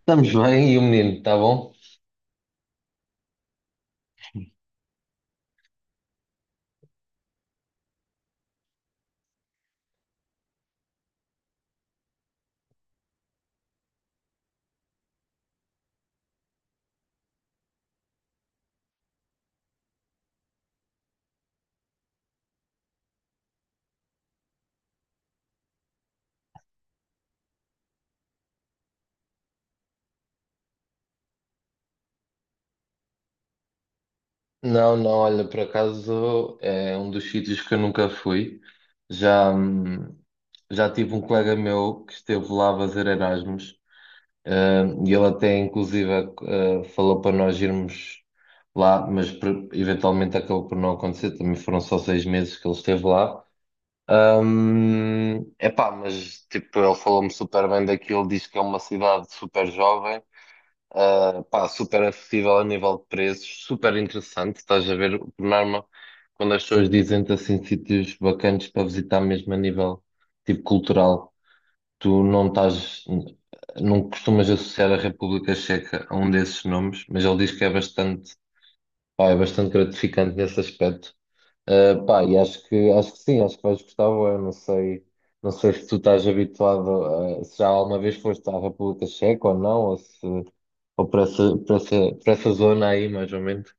Estamos bem, e o menino, está bom? Não, não, olha, por acaso é um dos sítios que eu nunca fui. Já, já tive um colega meu que esteve lá a fazer Erasmus, e ele até inclusive falou para nós irmos lá, mas eventualmente acabou por não acontecer, também foram só 6 meses que ele esteve lá. É epá, mas tipo, ele falou-me super bem daquilo, diz que é uma cidade super jovem. Pá, super acessível a nível de preços, super interessante. Estás a ver, por norma, quando as pessoas dizem-te assim sítios bacanas para visitar, mesmo a nível tipo cultural, tu não estás, não costumas associar a República Checa a um desses nomes, mas ele diz que é bastante, pá, é bastante gratificante nesse aspecto. Pá, e acho que sim, acho que vais gostar. Eu não sei, não sei se tu estás habituado, a, se já alguma vez foste à República Checa ou não, ou se, ou para essa zona aí, mais ou menos.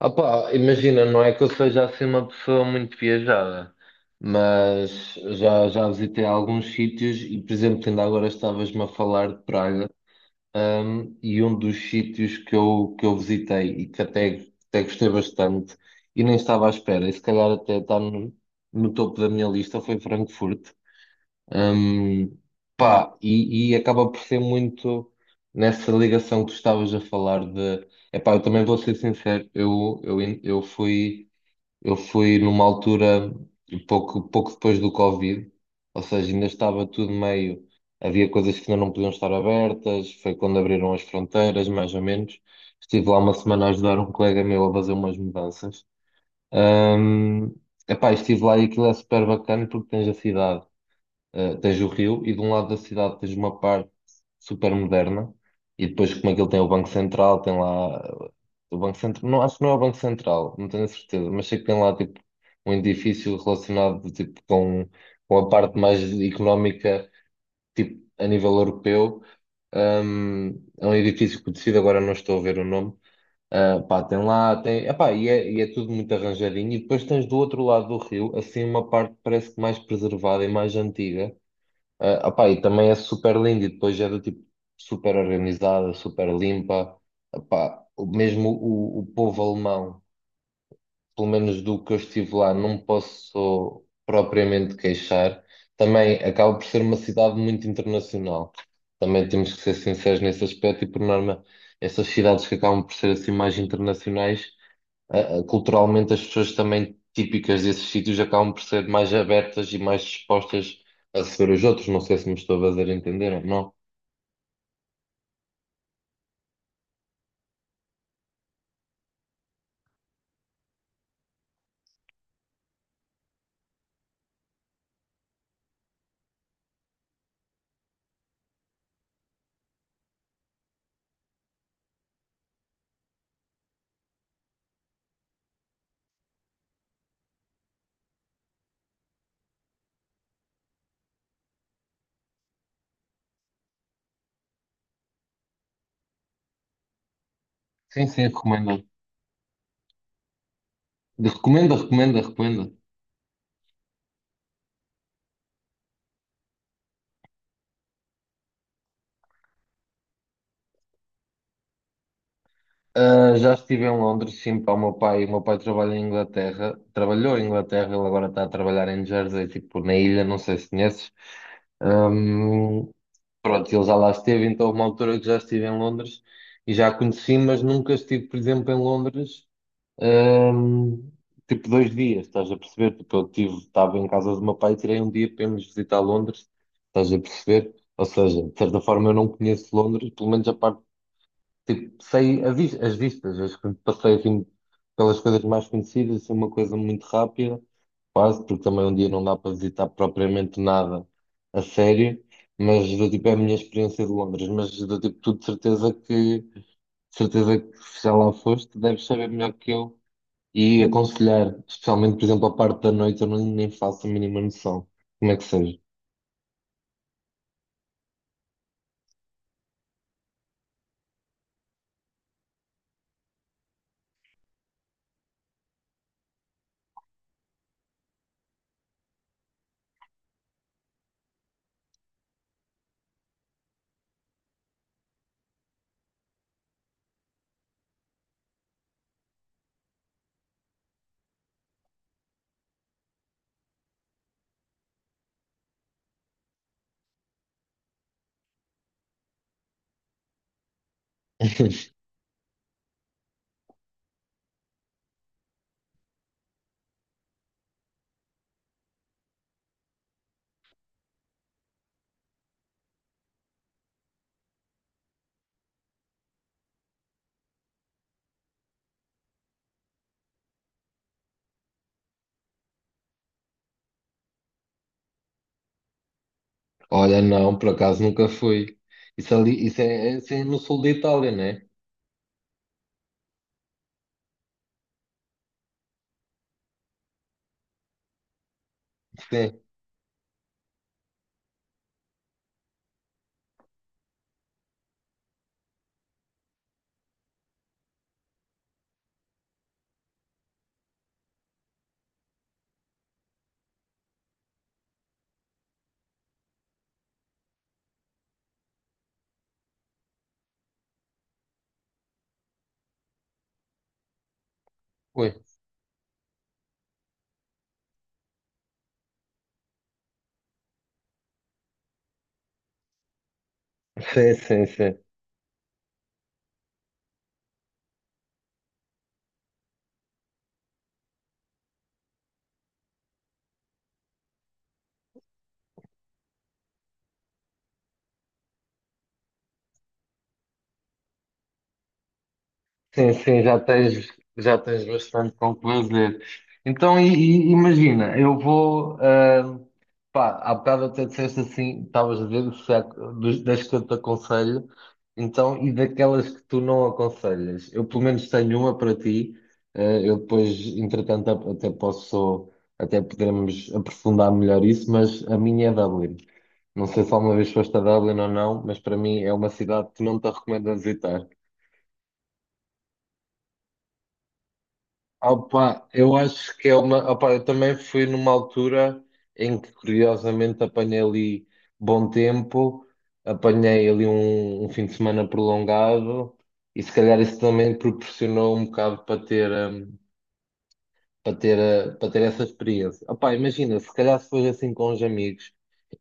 Ah, pá, imagina, não é que eu seja assim uma pessoa muito viajada, mas já visitei alguns sítios e, por exemplo, ainda agora estavas-me a falar de Praga. Um, e um dos sítios que eu visitei e até gostei bastante e nem estava à espera, e se calhar até está no, no topo da minha lista, foi Frankfurt. Um, pá, e acaba por ser muito nessa ligação que tu estavas a falar de... Epá, eu também vou ser sincero, eu fui. Eu fui numa altura pouco depois do Covid, ou seja, ainda estava tudo meio. Havia coisas que ainda não podiam estar abertas, foi quando abriram as fronteiras, mais ou menos. Estive lá uma semana a ajudar um colega meu a fazer umas mudanças. Ahm, Epá, estive lá e aquilo é super bacana porque tens a cidade, tens o rio e de um lado da cidade tens uma parte super moderna e depois como aquilo tem o Banco Central, tem lá do Banco Central. Não, acho que não é o Banco Central, não tenho a certeza, mas sei que tem lá tipo um edifício relacionado tipo, com a parte mais económica, tipo a nível europeu. Um, é um edifício conhecido, agora não estou a ver o nome. Ah, pá, tem lá, tem, epá, e é tudo muito arranjadinho. E depois tens do outro lado do rio, assim, uma parte que parece que mais preservada e mais antiga, ah, opá, e também é super lindo e depois é do tipo super organizada, super limpa. Opá, mesmo o povo alemão, pelo menos do que eu estive lá, não posso propriamente queixar. Também acaba por ser uma cidade muito internacional. Também temos que ser sinceros nesse aspecto e por norma essas cidades que acabam por ser assim mais internacionais, culturalmente as pessoas também típicas desses sítios acabam por ser mais abertas e mais dispostas a receber os outros. Não sei se me estou a fazer entender ou não. Sim, sim, recomendo. Recomendo, recomendo, recomendo. Ah, já estive em Londres, sim, para o meu pai. O meu pai trabalha em Inglaterra, trabalhou em Inglaterra, ele agora está a trabalhar em Jersey, tipo na ilha, não sei se conheces. Ahm, Pronto, ele já lá esteve, então houve uma altura que já estive em Londres e já a conheci, mas nunca estive, por exemplo, em Londres, Ahm, tipo, 2 dias, estás a perceber? Tipo, eu tive, estava em casa do meu pai e tirei um dia para irmos visitar Londres, estás a perceber? Ou seja, de certa forma eu não conheço Londres, pelo menos a parte, tipo, sei as vistas, as que passei assim pelas coisas mais conhecidas, assim, uma coisa muito rápida, quase, porque também um dia não dá para visitar propriamente nada a sério, mas do tipo, é a minha experiência de Londres, mas do tipo, tu de certeza que se já lá foste, deves saber melhor que eu e aconselhar, especialmente, por exemplo, a parte da noite, eu não nem faço a mínima noção como é que seja. Olha, não, por acaso nunca fui. Isso ali, isso é no sul da Itália, né? Sim, foi. Sim, sim, sim. Sim, sim, já tens bastante com o que fazer. Então, e imagina, eu vou. Ah, pá, há bocado até disseste assim, estavas a ver se das que eu te aconselho, então, e daquelas que tu não aconselhas. Eu, pelo menos, tenho uma para ti. Ah, eu depois, entretanto, até posso, até poderemos aprofundar melhor isso, mas a minha é Dublin. Não sei se alguma vez foste a Dublin ou não, mas para mim é uma cidade que não te recomendo a visitar. Opa, eu acho que é uma. Opa, eu também fui numa altura em que, curiosamente, apanhei ali bom tempo, apanhei ali um fim de semana prolongado e, se calhar, isso também proporcionou um bocado para ter, para ter essa experiência. Opa, imagina, se calhar, se fosse assim com os amigos,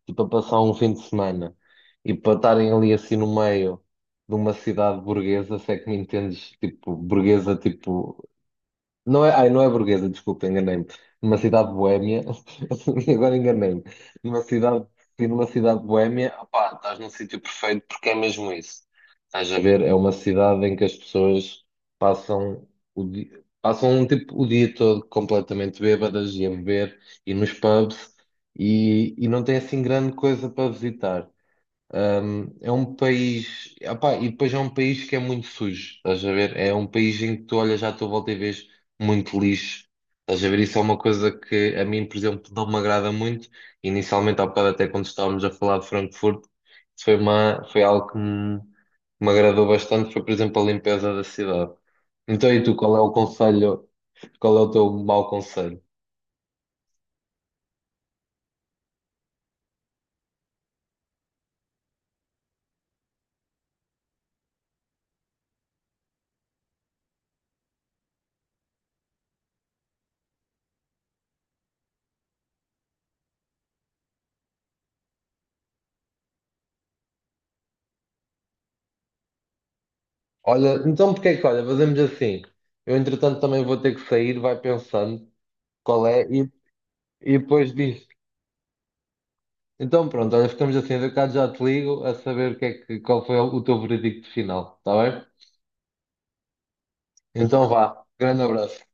tipo, a passar um fim de semana e para estarem ali assim no meio de uma cidade burguesa, se é que me entendes, tipo, burguesa, tipo. Não é, ai, não é burguesa, desculpa, enganei-me. Numa cidade boémia, agora enganei-me. Numa cidade, sim, numa cidade boémia, opá, estás num sítio perfeito porque é mesmo isso. Estás a ver, é uma cidade em que as pessoas passam o dia, passam um tipo o dia todo completamente bêbadas e a beber e nos pubs e não tem assim grande coisa para visitar. Um, é um país, opá, e depois é um país que é muito sujo, estás a ver? É um país em que tu olhas à tua volta e vês muito lixo, estás a ver? Isso é uma coisa que a mim, por exemplo, não me agrada muito. Inicialmente, há bocado, até quando estávamos a falar de Frankfurt, isso foi algo me agradou bastante, foi, por exemplo, a limpeza da cidade. Então, e tu, qual é o conselho, qual é o teu mau conselho? Olha, então olha, fazemos assim, eu entretanto também vou ter que sair, vai pensando qual é. E depois diz, então pronto, olha, ficamos assim, eu cá já te ligo a saber o que é que, qual foi o teu veredicto final, está bem? Então vá, grande abraço.